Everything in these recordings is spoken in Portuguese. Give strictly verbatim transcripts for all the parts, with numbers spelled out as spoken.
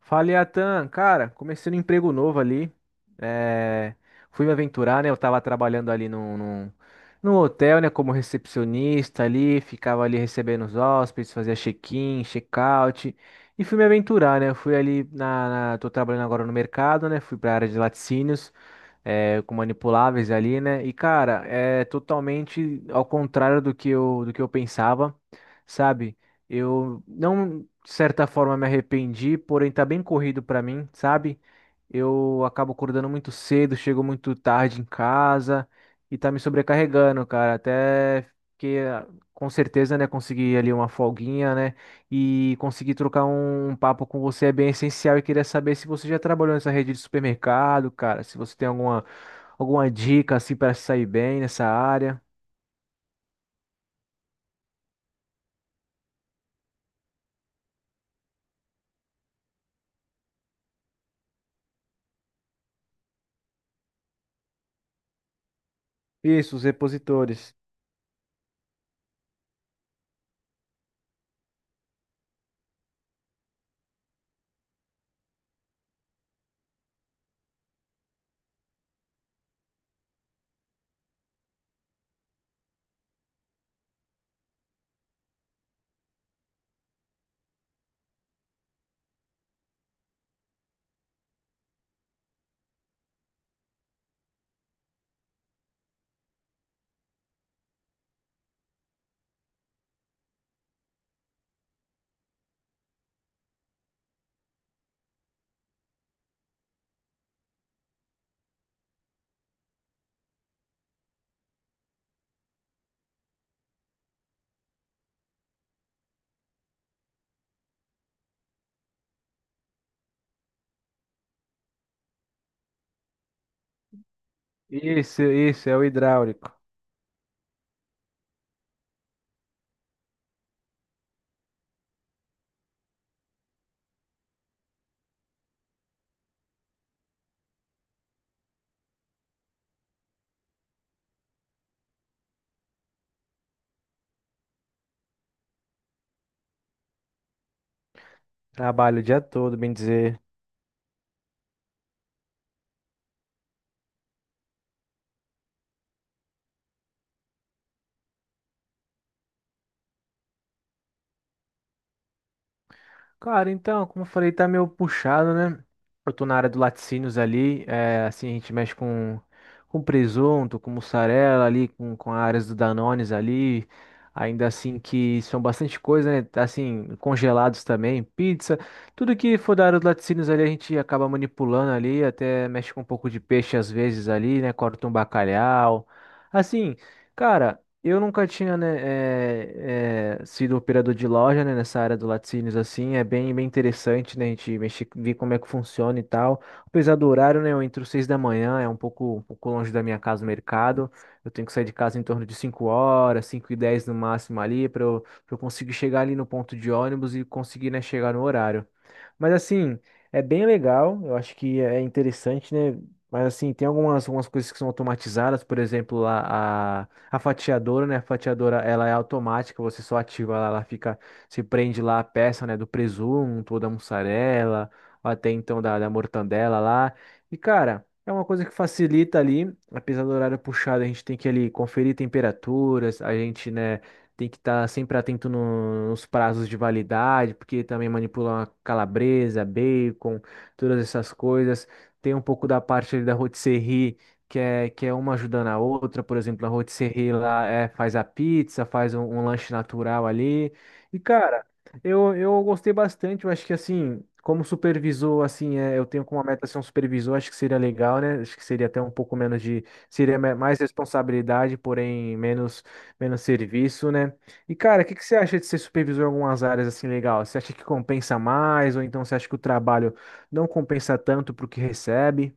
Falei, Atan, cara, comecei um emprego novo ali. É, fui me aventurar, né? Eu tava trabalhando ali num, num, num hotel, né? Como recepcionista ali, ficava ali recebendo os hóspedes, fazia check-in, check-out. E fui me aventurar, né? Eu fui ali na, na. Tô trabalhando agora no mercado, né? Fui pra área de laticínios, é, com manipuláveis ali, né? E, cara, é totalmente ao contrário do que eu, do que eu pensava, sabe? Eu não de certa forma me arrependi, porém tá bem corrido pra mim, sabe? Eu acabo acordando muito cedo, chego muito tarde em casa e tá me sobrecarregando, cara. Até que ah, com certeza, né, conseguir ali uma folguinha, né, e conseguir trocar um um papo com você é bem essencial e queria saber se você já trabalhou nessa rede de supermercado, cara, se você tem alguma alguma dica assim para sair bem nessa área. Isso, os repositores. Isso, isso é o hidráulico. Trabalho o dia todo, bem dizer. Cara, então, como eu falei, tá meio puxado, né? Eu tô na área do laticínios ali, é, assim, a gente mexe com, com presunto, com mussarela ali, com, com áreas do Danones ali, ainda assim que são bastante coisa, né? Tá, assim, congelados também, pizza, tudo que for da área do laticínios ali a gente acaba manipulando ali, até mexe com um pouco de peixe às vezes ali, né? Corta um bacalhau, assim... Cara, eu nunca tinha, né, eh, eh, sido operador de loja, né, nessa área do laticínios, assim, é bem, bem interessante, né, a gente mexer, ver como é que funciona e tal. Apesar do horário, né, eu entro seis da manhã, é um pouco, um pouco longe da minha casa, o mercado, eu tenho que sair de casa em torno de cinco horas, cinco e dez no máximo ali, para eu, pra eu conseguir chegar ali no ponto de ônibus e conseguir, né, chegar no horário. Mas, assim, é bem legal, eu acho que é interessante, né, mas, assim, tem algumas, algumas coisas que são automatizadas, por exemplo, a- a fatiadora, né? A fatiadora, ela é automática, você só ativa ela, ela fica, se prende lá a peça, né, do presunto, ou da mussarela, ou até então da, da mortandela lá. E, cara, é uma coisa que facilita ali, apesar do horário puxado, a gente tem que ali conferir temperaturas, a gente, né, tem que estar sempre atento no- nos prazos de validade, porque também manipula uma calabresa, bacon, todas essas coisas. Tem um pouco da parte ali da rotisserie que é, que é uma ajudando a outra, por exemplo, a rotisserie lá é, faz a pizza, faz um, um lanche natural ali. E, cara, eu, eu gostei bastante, eu acho que assim, como supervisor, assim, é, eu tenho como meta ser um supervisor, acho que seria legal, né? Acho que seria até um pouco menos de, seria me- mais responsabilidade, porém menos, menos serviço, né? E, cara, o que que você acha de ser supervisor em algumas áreas assim legal? Você acha que compensa mais, ou então você acha que o trabalho não compensa tanto pro que recebe?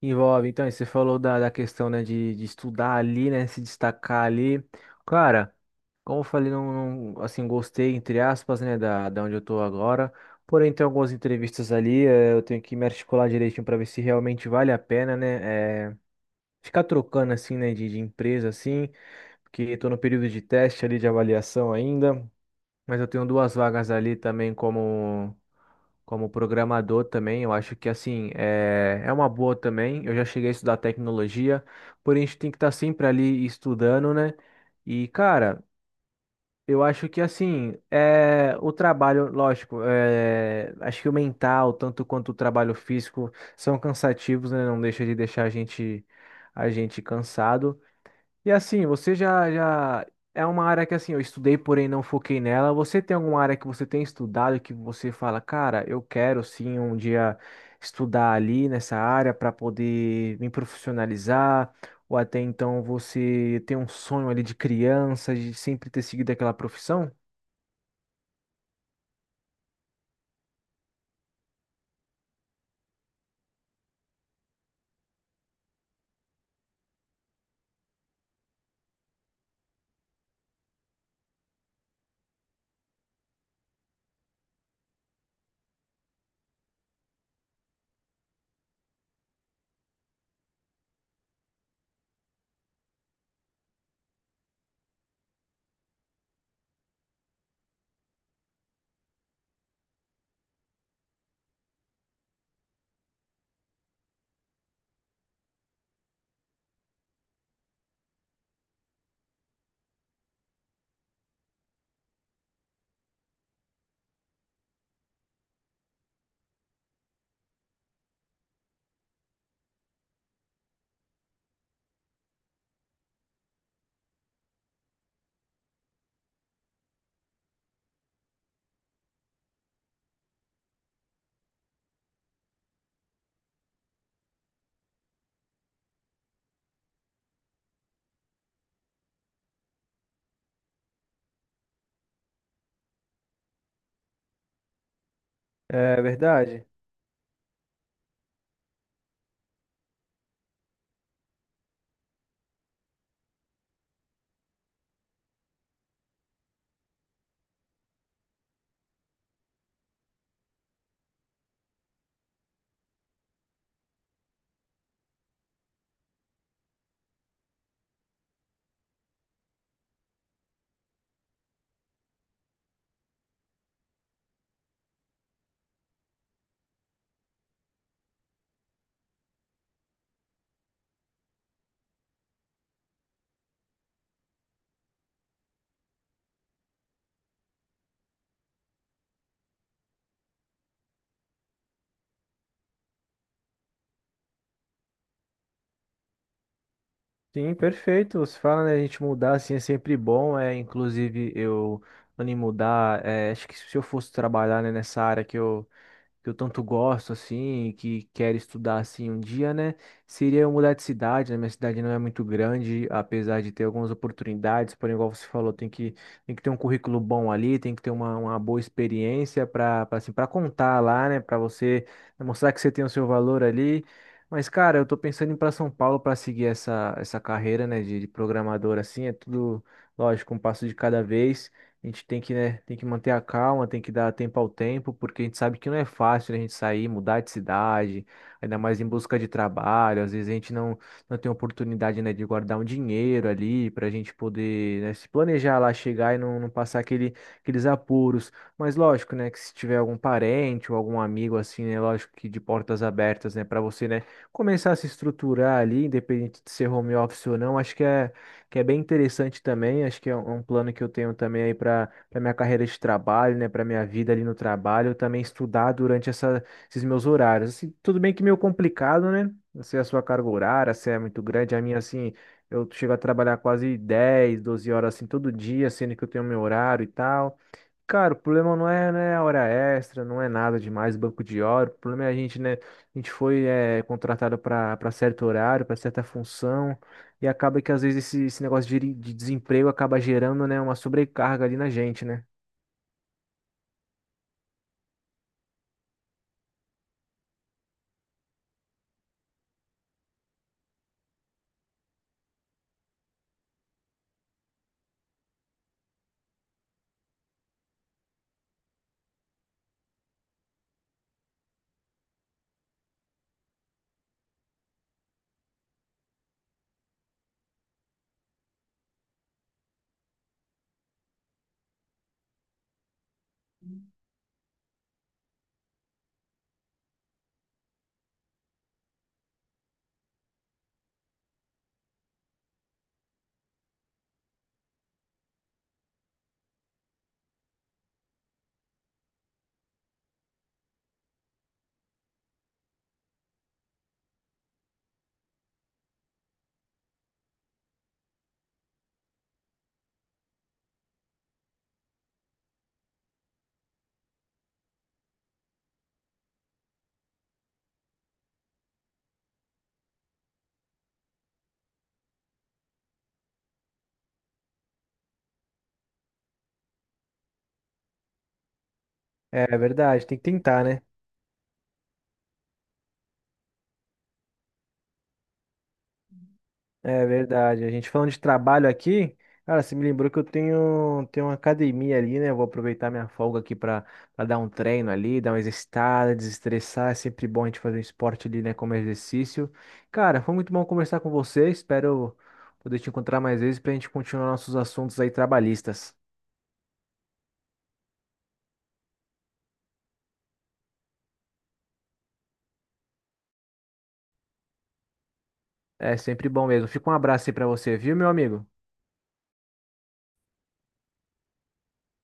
Envolve, então, e você falou da, da questão, né, de, de estudar ali, né, se destacar ali. Cara, como eu falei, não, não- assim, gostei, entre aspas, né, da, da onde eu tô agora. Porém, tem algumas entrevistas ali, eh, eu tenho que me articular direitinho para ver se realmente vale a pena, né, eh, ficar trocando, assim, né, de, de empresa, assim, porque tô no período de teste ali, de avaliação ainda. Mas eu tenho duas vagas ali também como como programador também. Eu acho que assim é, é uma boa também. Eu já cheguei a estudar tecnologia, porém a gente tem que estar sempre ali estudando, né? E cara, eu acho que assim é o trabalho, lógico, é, acho que o mental tanto quanto o trabalho físico são cansativos, né? Não deixa de deixar a gente a gente cansado. E assim, você já, já é uma área que assim, eu estudei, porém não foquei nela. Você tem alguma área que você tem estudado que você fala, cara, eu quero sim um dia estudar ali nessa área para poder me profissionalizar, ou até então você tem um sonho ali de criança, de sempre ter seguido aquela profissão? É verdade. Sim, perfeito. Você fala, né? A gente mudar assim é sempre bom. É, inclusive, eu, antes de mudar, é, acho que se eu fosse trabalhar, né, nessa área que eu que eu tanto gosto, assim, que quero estudar, assim, um dia, né? Seria eu mudar de cidade, né? Minha cidade não é muito grande, apesar de ter algumas oportunidades, porém, igual você falou, tem que, tem que ter um currículo bom ali, tem que ter uma, uma boa experiência para, assim, para contar lá, né? Para você né, mostrar que você tem o seu valor ali. Mas, cara, eu tô pensando em ir para São Paulo para seguir essa, essa carreira, né, de, de programador, assim, é tudo, lógico, um passo de cada vez. A gente tem que, né, tem que manter a calma, tem que dar tempo ao tempo, porque a gente sabe que não é fácil, né, a gente sair, mudar de cidade, ainda mais em busca de trabalho. Às vezes a gente não, não tem oportunidade, né, de guardar um dinheiro ali para a gente poder, né, se planejar lá, chegar e não, não passar aquele, aqueles apuros. Mas lógico, né, que se tiver algum parente ou algum amigo assim, né, lógico que de portas abertas, né, para você, né, começar a se estruturar ali, independente de ser home office ou não, acho que é que é bem interessante também. Acho que é um é um plano que eu tenho também aí para para minha carreira de trabalho, né, para minha vida ali no trabalho, eu também estudar durante essa- esses meus horários. Assim, tudo bem que meio complicado, né? Não sei a sua carga horária, se é muito grande, a minha assim, eu chego a trabalhar quase dez doze horas assim todo dia, sendo que eu tenho meu horário e tal. Cara, o problema não é, né, hora extra, não é nada demais, banco de hora. O problema é a gente, né? A gente foi eh, contratado para para certo horário, para certa função, e acaba que às vezes esse, esse negócio de, de desemprego acaba gerando, né, uma sobrecarga ali na gente, né? É, é verdade, tem que tentar, né? É verdade. A gente falando de trabalho aqui, cara, você me lembrou que eu tenho, tenho uma academia ali, né? Eu vou aproveitar minha folga aqui para dar um treino ali, dar uma exercitada, desestressar. É sempre bom a gente fazer um esporte ali, né? Como exercício. Cara, foi muito bom conversar com você. Espero poder te encontrar mais vezes pra gente continuar nossos assuntos aí trabalhistas. É sempre bom mesmo. Fica um abraço aí pra você, viu, meu amigo?